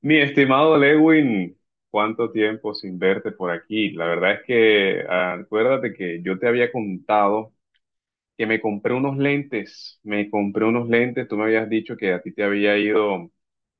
Mi estimado Lewin, cuánto tiempo sin verte por aquí. La verdad es que acuérdate que yo te había contado que me compré unos lentes, me compré unos lentes, tú me habías dicho que a ti te había ido,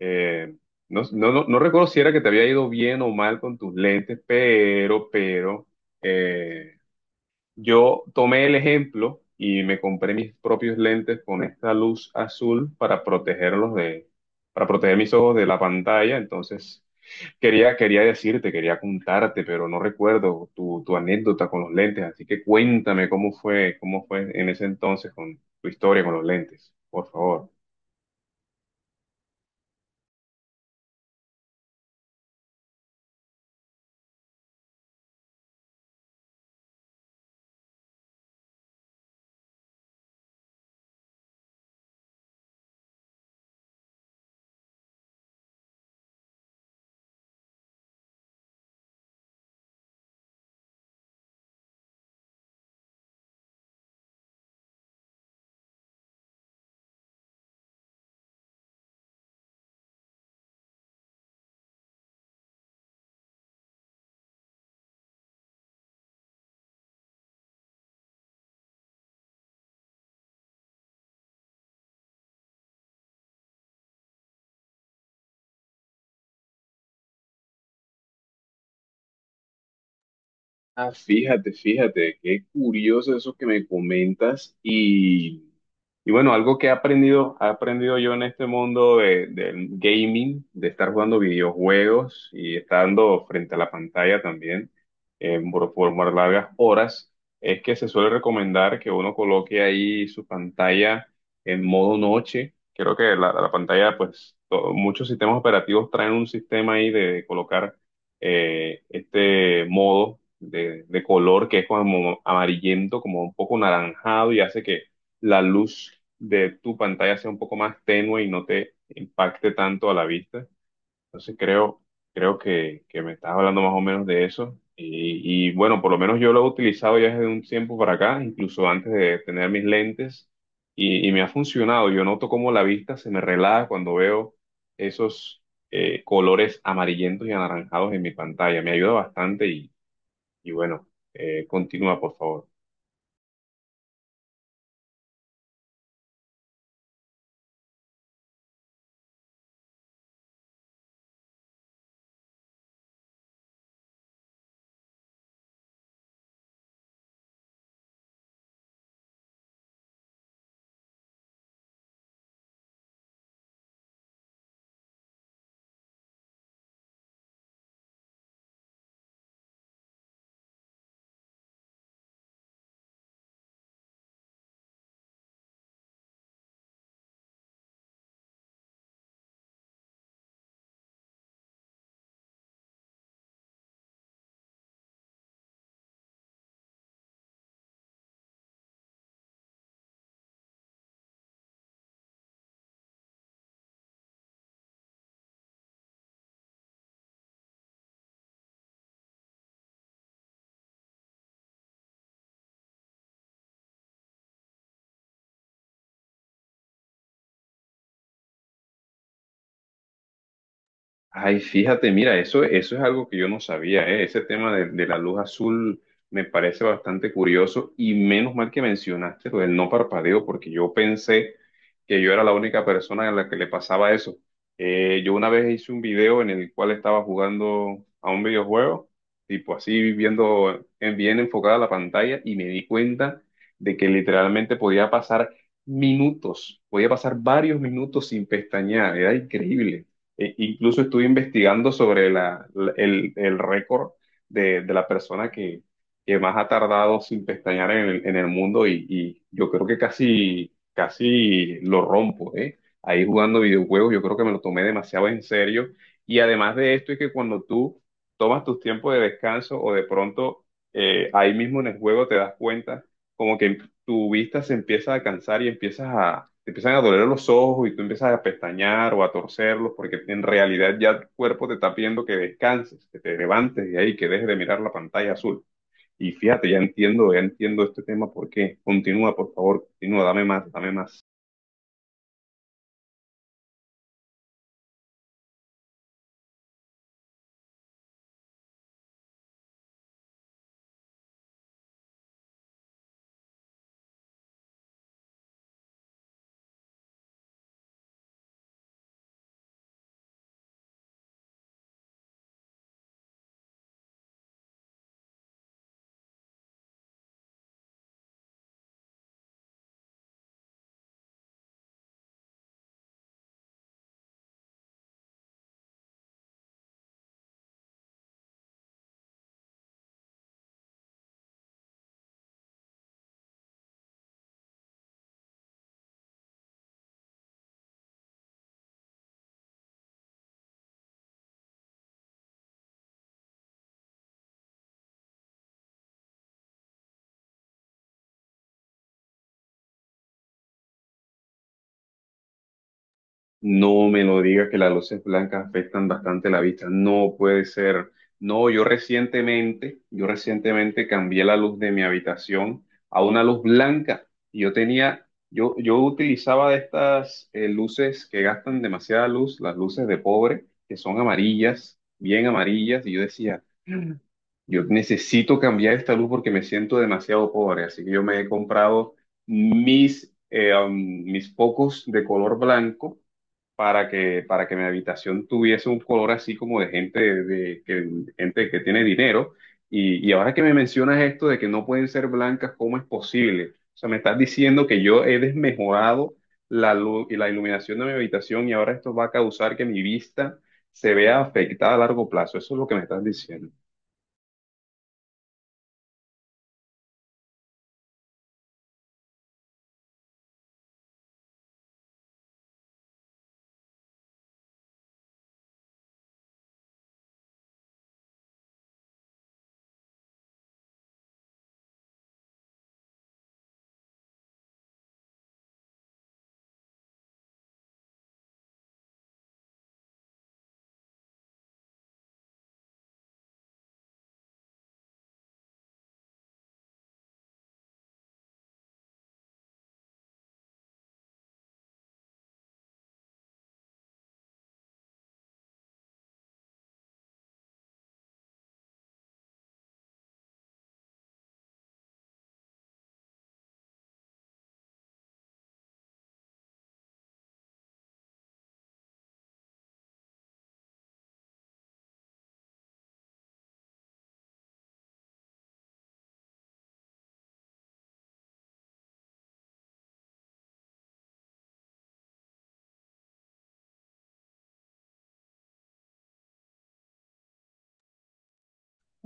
eh, no, no, no, no recuerdo si era que te había ido bien o mal con tus lentes, pero, eh, yo tomé el ejemplo y me compré mis propios lentes con esta luz azul para protegerlos de, para proteger mis ojos de la pantalla, entonces... Quería, quería decirte, quería contarte, pero no recuerdo tu anécdota con los lentes, así que cuéntame cómo fue en ese entonces con tu historia con los lentes, por favor. Ah, fíjate, fíjate, qué curioso eso que me comentas y bueno, algo que he aprendido yo en este mundo del gaming, de estar jugando videojuegos y estando frente a la pantalla también por más largas horas, es que se suele recomendar que uno coloque ahí su pantalla en modo noche. Creo que la pantalla, pues, muchos sistemas operativos traen un sistema ahí de colocar este modo de color que es como amarillento, como un poco naranjado y hace que la luz de tu pantalla sea un poco más tenue y no te impacte tanto a la vista. Entonces creo, creo que me estás hablando más o menos de eso. Y, y bueno, por lo menos yo lo he utilizado ya desde un tiempo para acá, incluso antes de tener mis lentes, y me ha funcionado. Yo noto cómo la vista se me relaja cuando veo esos colores amarillentos y anaranjados en mi pantalla. Me ayuda bastante y bueno, continúa, por favor. Ay, fíjate, mira, eso es algo que yo no sabía, ¿eh? Ese tema de la luz azul me parece bastante curioso y menos mal que mencionaste lo del no parpadeo, porque yo pensé que yo era la única persona a la que le pasaba eso. Yo una vez hice un video en el cual estaba jugando a un videojuego, tipo así viendo bien enfocada la pantalla y me di cuenta de que literalmente podía pasar minutos, podía pasar varios minutos sin pestañear, era increíble. Incluso estuve investigando sobre el récord de la persona que más ha tardado sin pestañear en el mundo y yo creo que casi, casi lo rompo, ¿eh? Ahí jugando videojuegos, yo creo que me lo tomé demasiado en serio. Y además de esto es que cuando tú tomas tus tiempos de descanso o de pronto ahí mismo en el juego te das cuenta como que tu vista se empieza a cansar y empiezas a, te empiezan a doler los ojos y tú empiezas a pestañear o a torcerlos porque en realidad ya tu cuerpo te está pidiendo que descanses, que te levantes de ahí, que dejes de mirar la pantalla azul. Y fíjate, ya entiendo este tema, ¿por qué? Continúa, por favor, continúa, dame más, dame más. No me lo digas que las luces blancas afectan bastante la vista. No puede ser. No, yo recientemente cambié la luz de mi habitación a una luz blanca. Y yo tenía, yo utilizaba de estas luces que gastan demasiada luz, las luces de pobre, que son amarillas, bien amarillas. Y yo decía, "Mm, yo necesito cambiar esta luz porque me siento demasiado pobre. Así que yo me he comprado mis, eh, um, mis focos de color blanco para que mi habitación tuviese un color así como de gente, de, que, gente que tiene dinero. Y ahora que me mencionas esto de que no pueden ser blancas, ¿cómo es posible? O sea, me estás diciendo que yo he desmejorado la luz y la iluminación de mi habitación y ahora esto va a causar que mi vista se vea afectada a largo plazo. Eso es lo que me estás diciendo.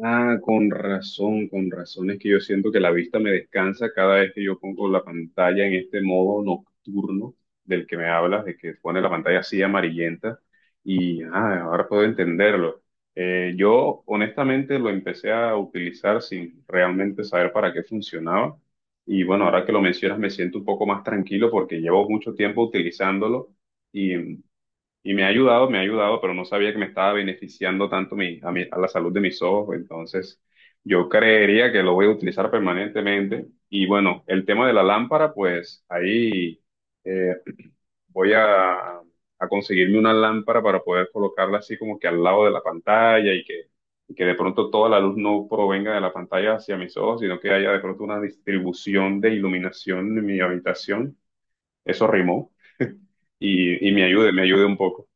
Ah, con razón, con razón. Es que yo siento que la vista me descansa cada vez que yo pongo la pantalla en este modo nocturno del que me hablas, de que pone la pantalla así amarillenta. Y ahora puedo entenderlo. Yo honestamente lo empecé a utilizar sin realmente saber para qué funcionaba. Y bueno, ahora que lo mencionas me siento un poco más tranquilo porque llevo mucho tiempo utilizándolo y me ha ayudado, pero no sabía que me estaba beneficiando tanto a la salud de mis ojos. Entonces, yo creería que lo voy a utilizar permanentemente. Y bueno, el tema de la lámpara, pues ahí eh, voy a conseguirme una lámpara para poder colocarla así como que al lado de la pantalla y que de pronto toda la luz no provenga de la pantalla hacia mis ojos, sino que haya de pronto una distribución de iluminación en mi habitación. Eso rimó y me ayude un poco.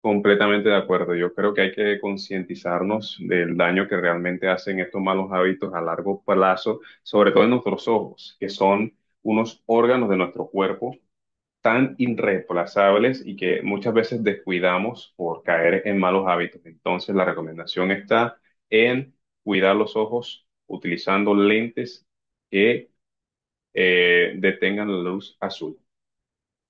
Completamente de acuerdo. Yo creo que hay que concientizarnos del daño que realmente hacen estos malos hábitos a largo plazo, sobre todo en nuestros ojos, que son unos órganos de nuestro cuerpo tan irreemplazables y que muchas veces descuidamos por caer en malos hábitos. Entonces, la recomendación está en cuidar los ojos utilizando lentes que detengan la luz azul.